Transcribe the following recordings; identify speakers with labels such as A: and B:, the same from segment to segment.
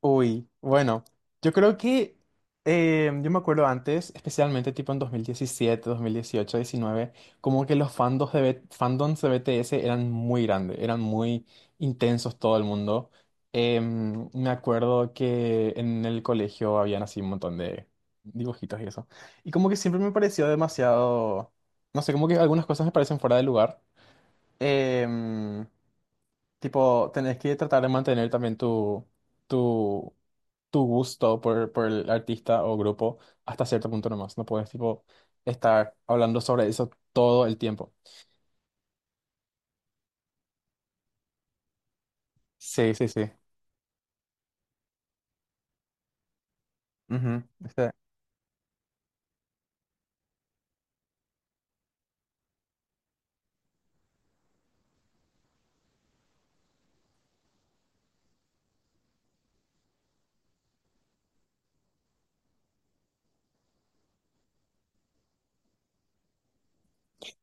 A: Uy, bueno, yo creo que yo me acuerdo antes, especialmente tipo en 2017, 2018, 19, como que los fandoms de BTS eran muy grandes, eran muy intensos todo el mundo. Me acuerdo que en el colegio habían así un montón de dibujitos y eso. Y como que siempre me pareció demasiado, no sé, como que algunas cosas me parecen fuera de lugar. Em, Tipo, tenés que tratar de mantener también tu, tu gusto por el artista o grupo hasta cierto punto nomás. No puedes, tipo, estar hablando sobre eso todo el tiempo. Sí, sí, sí. Ujú. Este,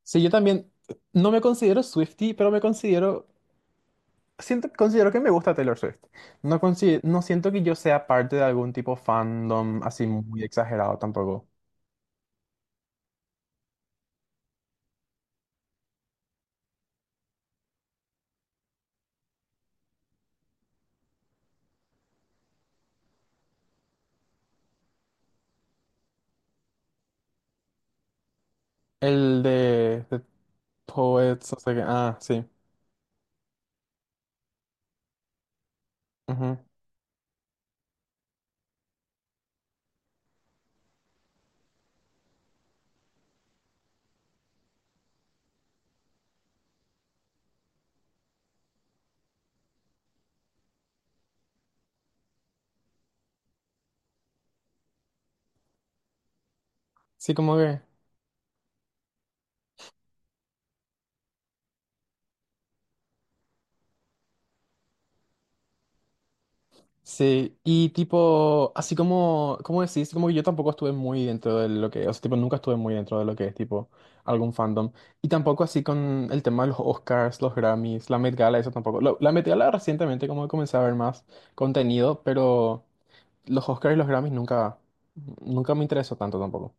A: sí, yo también no me considero Swiftie, pero me considero, siento, considero que me gusta Taylor Swift. No, no siento que yo sea parte de algún tipo fandom así muy exagerado tampoco. El de Poets, o sea que, ah, sí. Ujú. Sí, como que... Sí, y tipo, así como decís, como que yo tampoco estuve muy dentro de lo que, o sea, tipo, nunca estuve muy dentro de lo que es, tipo, algún fandom. Y tampoco así con el tema de los Oscars, los Grammys, la Met Gala, eso tampoco. La Met Gala recientemente como comencé a ver más contenido, pero los Oscars y los Grammys nunca, nunca me interesó tanto tampoco.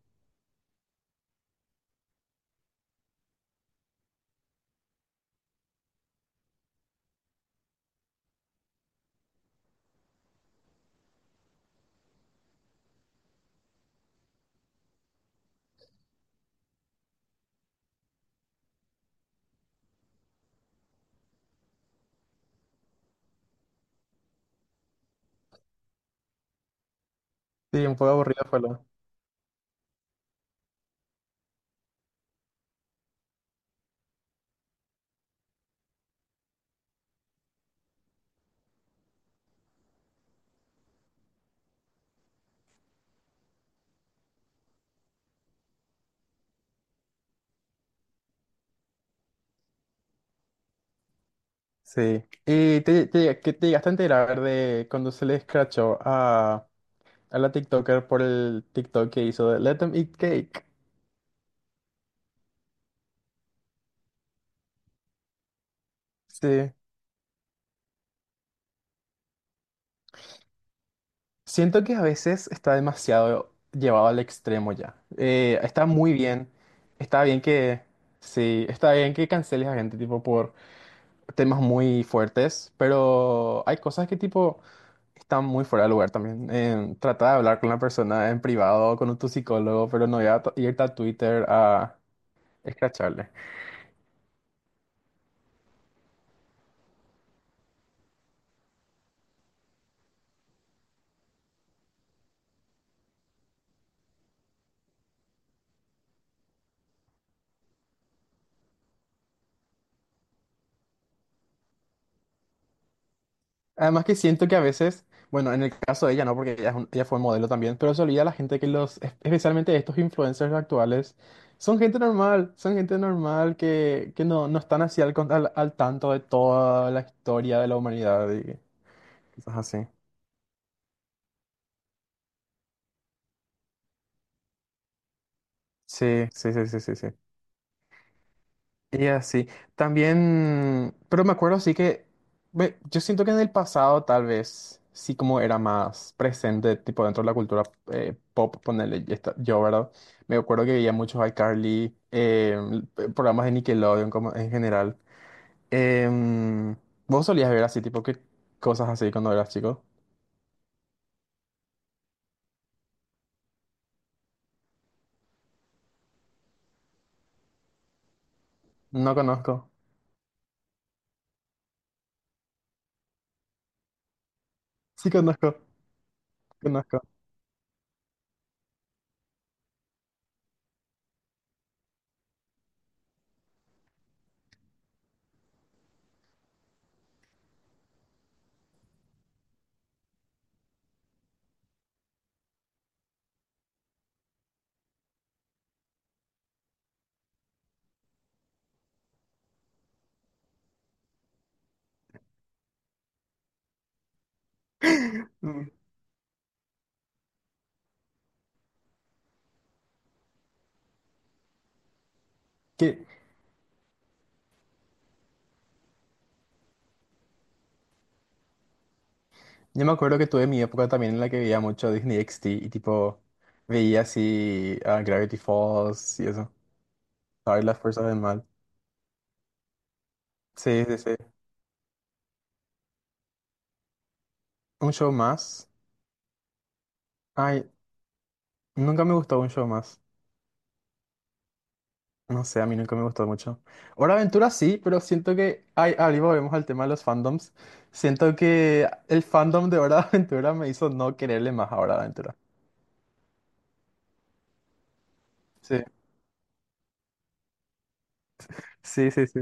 A: Sí, un poco aburrido fue lo. Sí. ¿Y te que te llegaste a enterar de cuando se le escrachó a la TikToker por el TikTok que hizo de Let Them Eat Cake? Sí, siento que a veces está demasiado llevado al extremo ya. Está muy bien, está bien que, sí, está bien que canceles a gente tipo por temas muy fuertes, pero hay cosas que tipo están muy fuera de lugar también. Trata de hablar con la persona en privado, con tu psicólogo, pero no irte a Twitter a escracharle. Además que siento que a veces, bueno, en el caso de ella no, porque ella fue modelo también, pero se olvida la gente que especialmente estos influencers actuales, son gente normal que no están así al tanto de toda la historia de la humanidad y cosas así. Sí, sí, sí, sí, sí, sí. Y así, también, pero me acuerdo sí que, ve, yo siento que en el pasado tal vez sí como era más presente, tipo dentro de la cultura pop, ponerle yo, ¿verdad? Me acuerdo que veía muchos iCarly, programas de Nickelodeon como en general. Em, ¿Vos solías ver así, tipo, qué cosas así cuando eras chico? No conozco. Sí conozco, conozco. Mm. ¿Qué- Yo me acuerdo que tuve mi época también en la que veía mucho Disney XD y tipo veía así a Gravity Falls y eso. Ay, las fuerzas del mal. Sí, sí, sí. Un show más. Ay, nunca me gustó un show más. No sé, a mí nunca me gustó mucho. Hora de Aventura sí, pero siento que... Ay, ahí volvemos al tema de los fandoms. Siento que el fandom de Hora de Aventura me hizo no quererle más a Hora de Aventura. Sí, sí, sí, sí.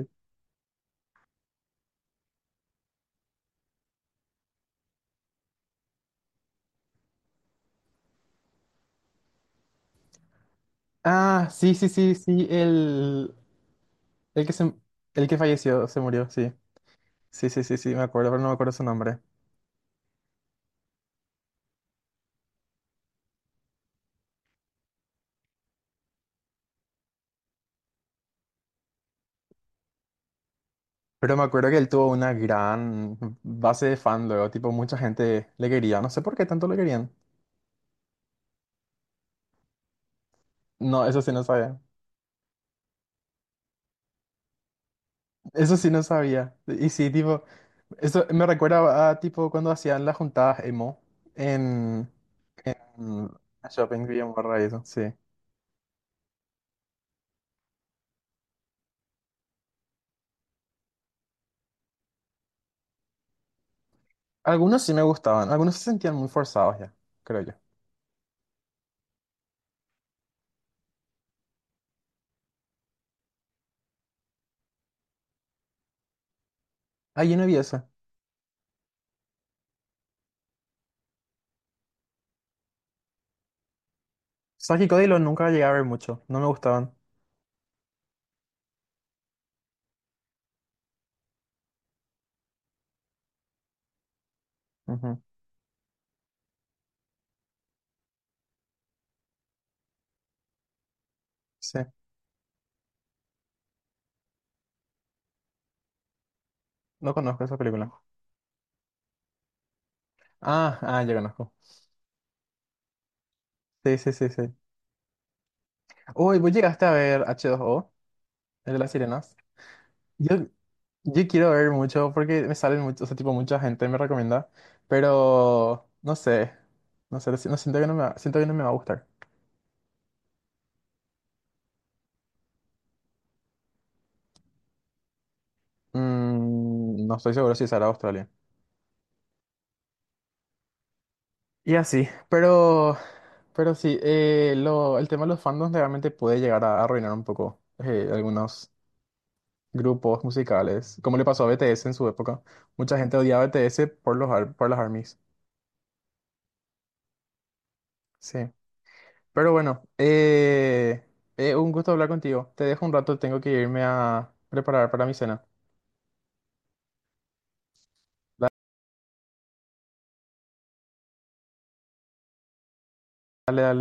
A: Ah, sí, sí, sí, sí, el que se, el que falleció, se murió, sí. Sí, sí, sí, sí, me acuerdo, pero no me acuerdo su nombre. Pero me acuerdo que él tuvo una gran base de fan luego, tipo, mucha gente le quería, no sé por qué tanto le querían. No, eso sí no sabía. Eso sí no sabía. Y sí, tipo, eso me recuerda a, tipo, cuando hacían las juntadas emo en, en Shopping Villa Barra y eso, sí. Algunos sí me gustaban, algunos se sentían muy forzados ya, creo yo. Ah, yo no vi eso. Saki y Cody lo nunca llegué a ver mucho, no me gustaban. Ujú. Sí, no conozco esa película. Ah, ah, ya conozco. Sí, sí, sí, sí. Uy, vos llegaste a ver H2O, el de las sirenas. Yo, yo quiero ver mucho porque me salen mucho, o sea, tipo, mucha gente me recomienda, pero no sé, no sé, no siento que no me va, siento que no me va a gustar. No estoy seguro si será Australia. Y así, pero, sí, el tema de los fandoms realmente puede llegar a arruinar un poco algunos grupos musicales, como le pasó a BTS en su época. Mucha gente odiaba a BTS por las ARMYs. Sí. Pero bueno, un gusto hablar contigo. Te dejo un rato, tengo que irme a preparar para mi cena. Dale, dale.